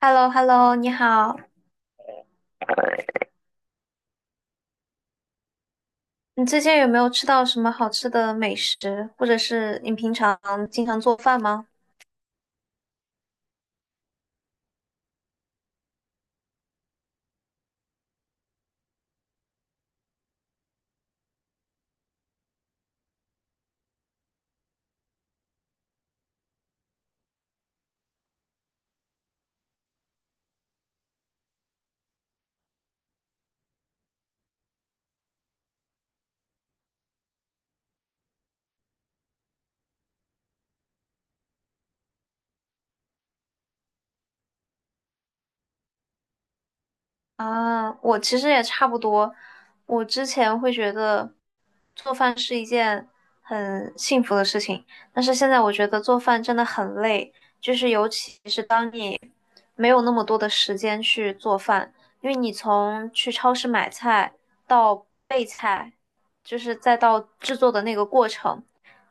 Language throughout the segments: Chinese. Hello hello 你好。你最近有没有吃到什么好吃的美食，或者是你平常经常做饭吗？啊，我其实也差不多。我之前会觉得做饭是一件很幸福的事情，但是现在我觉得做饭真的很累，就是尤其是当你没有那么多的时间去做饭，因为你从去超市买菜到备菜，就是再到制作的那个过程，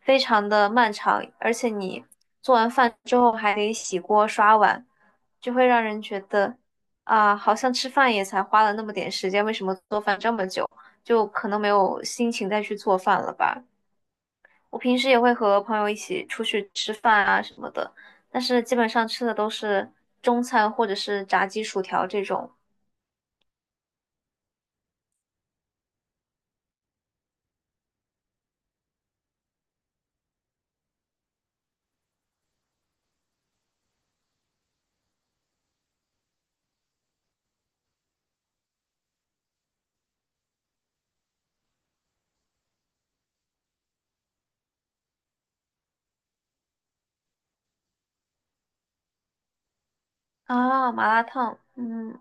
非常的漫长，而且你做完饭之后还得洗锅刷碗，就会让人觉得。啊，好像吃饭也才花了那么点时间，为什么做饭这么久？就可能没有心情再去做饭了吧。我平时也会和朋友一起出去吃饭啊什么的，但是基本上吃的都是中餐或者是炸鸡、薯条这种啊，麻辣烫，嗯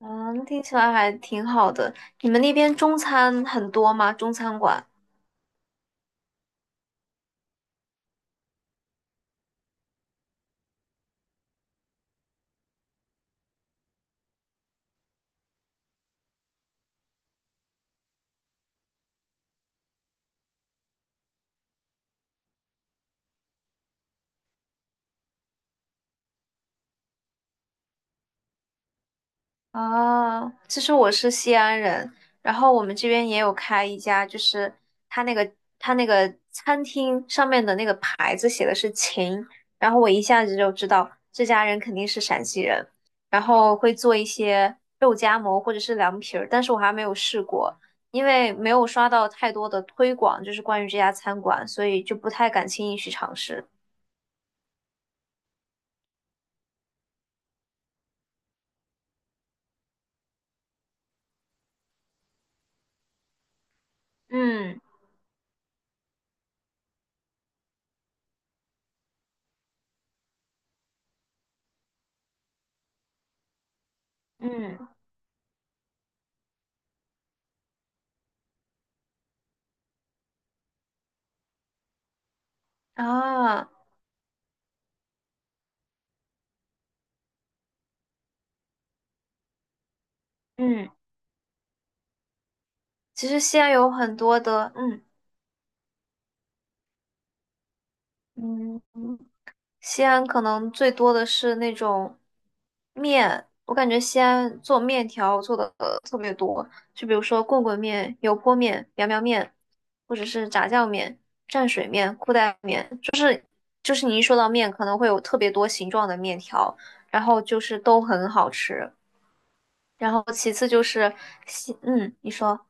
嗯，听起来还挺好的。你们那边中餐很多吗？中餐馆？啊，其实我是西安人，然后我们这边也有开一家，就是他那个他那个餐厅上面的那个牌子写的是“秦”，然后我一下子就知道这家人肯定是陕西人，然后会做一些肉夹馍或者是凉皮儿，但是我还没有试过，因为没有刷到太多的推广，就是关于这家餐馆，所以就不太敢轻易去尝试。嗯嗯啊嗯，其实西安有很多的嗯。嗯，西安可能最多的是那种面，我感觉西安做面条做的特别多，就比如说棍棍面、油泼面、苗苗面，或者是炸酱面、蘸水面、裤带面，就是你一说到面，可能会有特别多形状的面条，然后就是都很好吃。然后其次就是嗯，你说，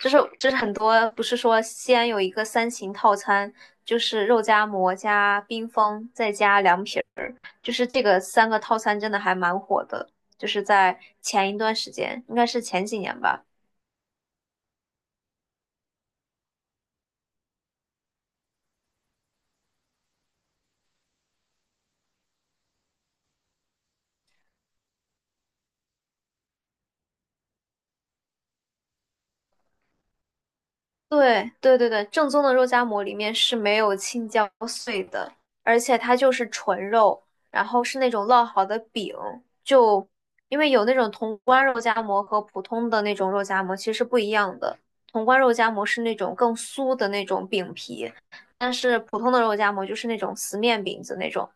就是很多不是说西安有一个三秦套餐，就是肉夹馍加冰峰再加凉皮。就是这个三个套餐真的还蛮火的，就是在前一段时间，应该是前几年吧，对对对对，正宗的肉夹馍里面是没有青椒碎的，而且它就是纯肉，然后是那种烙好的饼。就因为有那种潼关肉夹馍和普通的那种肉夹馍其实是不一样的，潼关肉夹馍是那种更酥的那种饼皮，但是普通的肉夹馍就是那种死面饼子那种，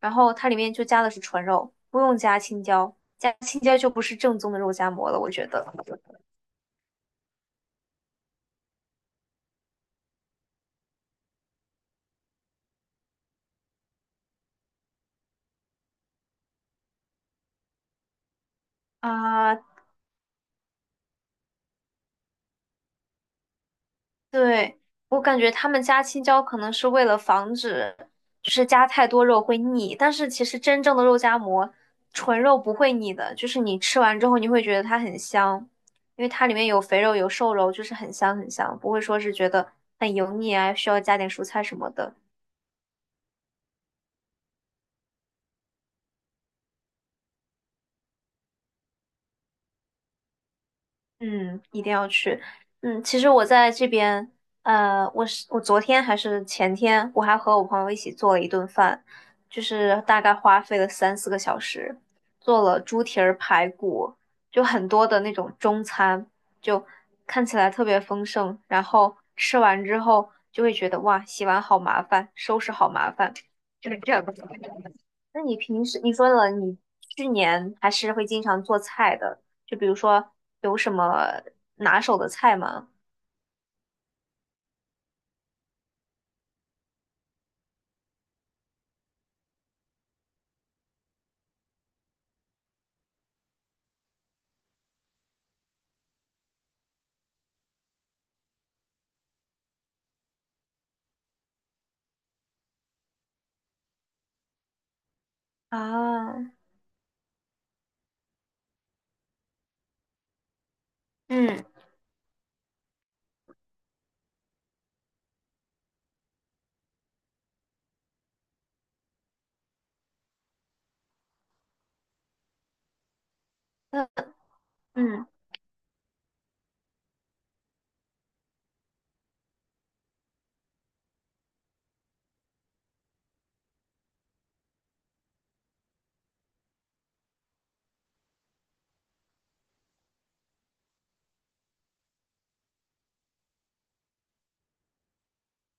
然后它里面就加的是纯肉，不用加青椒，加青椒就不是正宗的肉夹馍了，我觉得。啊、对，我感觉他们加青椒可能是为了防止，就是加太多肉会腻。但是其实真正的肉夹馍，纯肉不会腻的，就是你吃完之后你会觉得它很香，因为它里面有肥肉有瘦肉，就是很香很香，不会说是觉得很油腻啊，需要加点蔬菜什么的。嗯，一定要去。嗯，其实我在这边，我昨天还是前天，我还和我朋友一起做了一顿饭，就是大概花费了3、4个小时，做了猪蹄儿排骨，就很多的那种中餐，就看起来特别丰盛。然后吃完之后就会觉得哇，洗碗好麻烦，收拾好麻烦，就是这样。那你平时你说了，你去年还是会经常做菜的，就比如说有什么拿手的菜吗？啊，嗯，那嗯，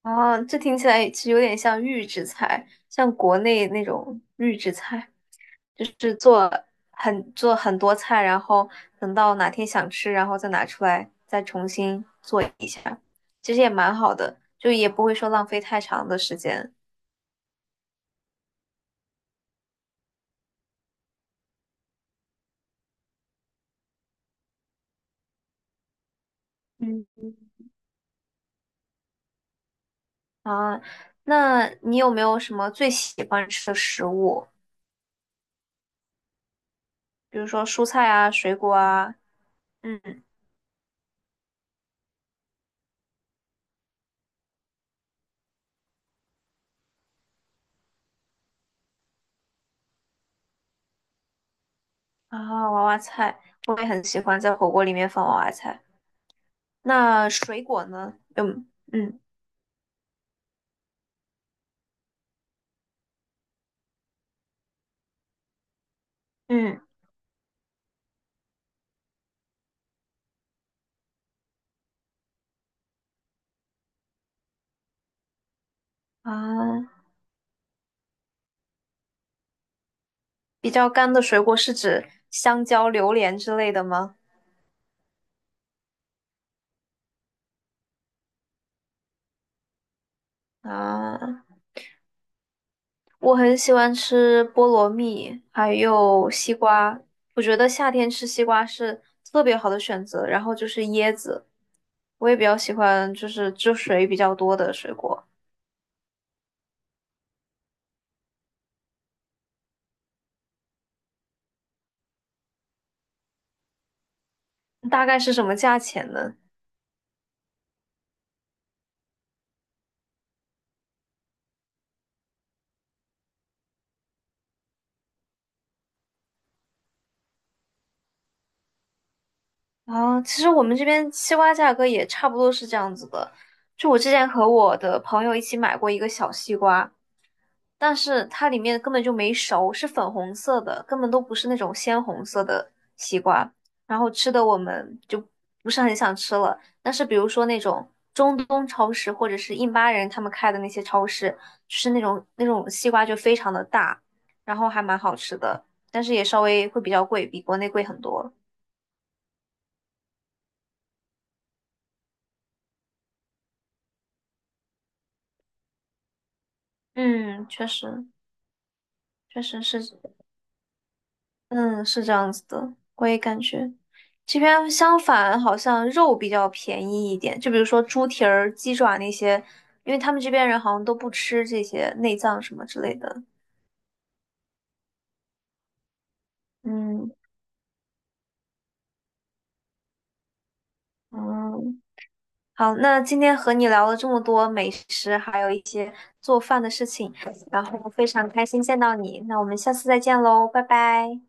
哦，这听起来其实有点像预制菜，像国内那种预制菜，就是做很多菜，然后等到哪天想吃，然后再拿出来，再重新做一下，其实也蛮好的，就也不会说浪费太长的时间。嗯。啊，那你有没有什么最喜欢吃的食物？比如说蔬菜啊、水果啊，嗯，啊，娃娃菜，我也很喜欢在火锅里面放娃娃菜。那水果呢？嗯嗯嗯，啊，比较干的水果是指香蕉、榴莲之类的吗？啊，我很喜欢吃菠萝蜜，还有西瓜。我觉得夏天吃西瓜是特别好的选择。然后就是椰子，我也比较喜欢，就是汁水比较多的水果。大概是什么价钱呢？啊，其实我们这边西瓜价格也差不多是这样子的。就我之前和我的朋友一起买过一个小西瓜，但是它里面根本就没熟，是粉红色的，根本都不是那种鲜红色的西瓜。然后吃的我们就不是很想吃了。但是比如说那种中东超市或者是印巴人他们开的那些超市，就是那种西瓜就非常的大，然后还蛮好吃的，但是也稍微会比较贵，比国内贵很多。嗯，确实确实是嗯，是这样子的，我也感觉这边相反，好像肉比较便宜一点。就比如说猪蹄儿、鸡爪那些，因为他们这边人好像都不吃这些内脏什么之类的。嗯嗯，好，那今天和你聊了这么多美食，还有一些做饭的事情，然后非常开心见到你。那我们下次再见喽，拜拜。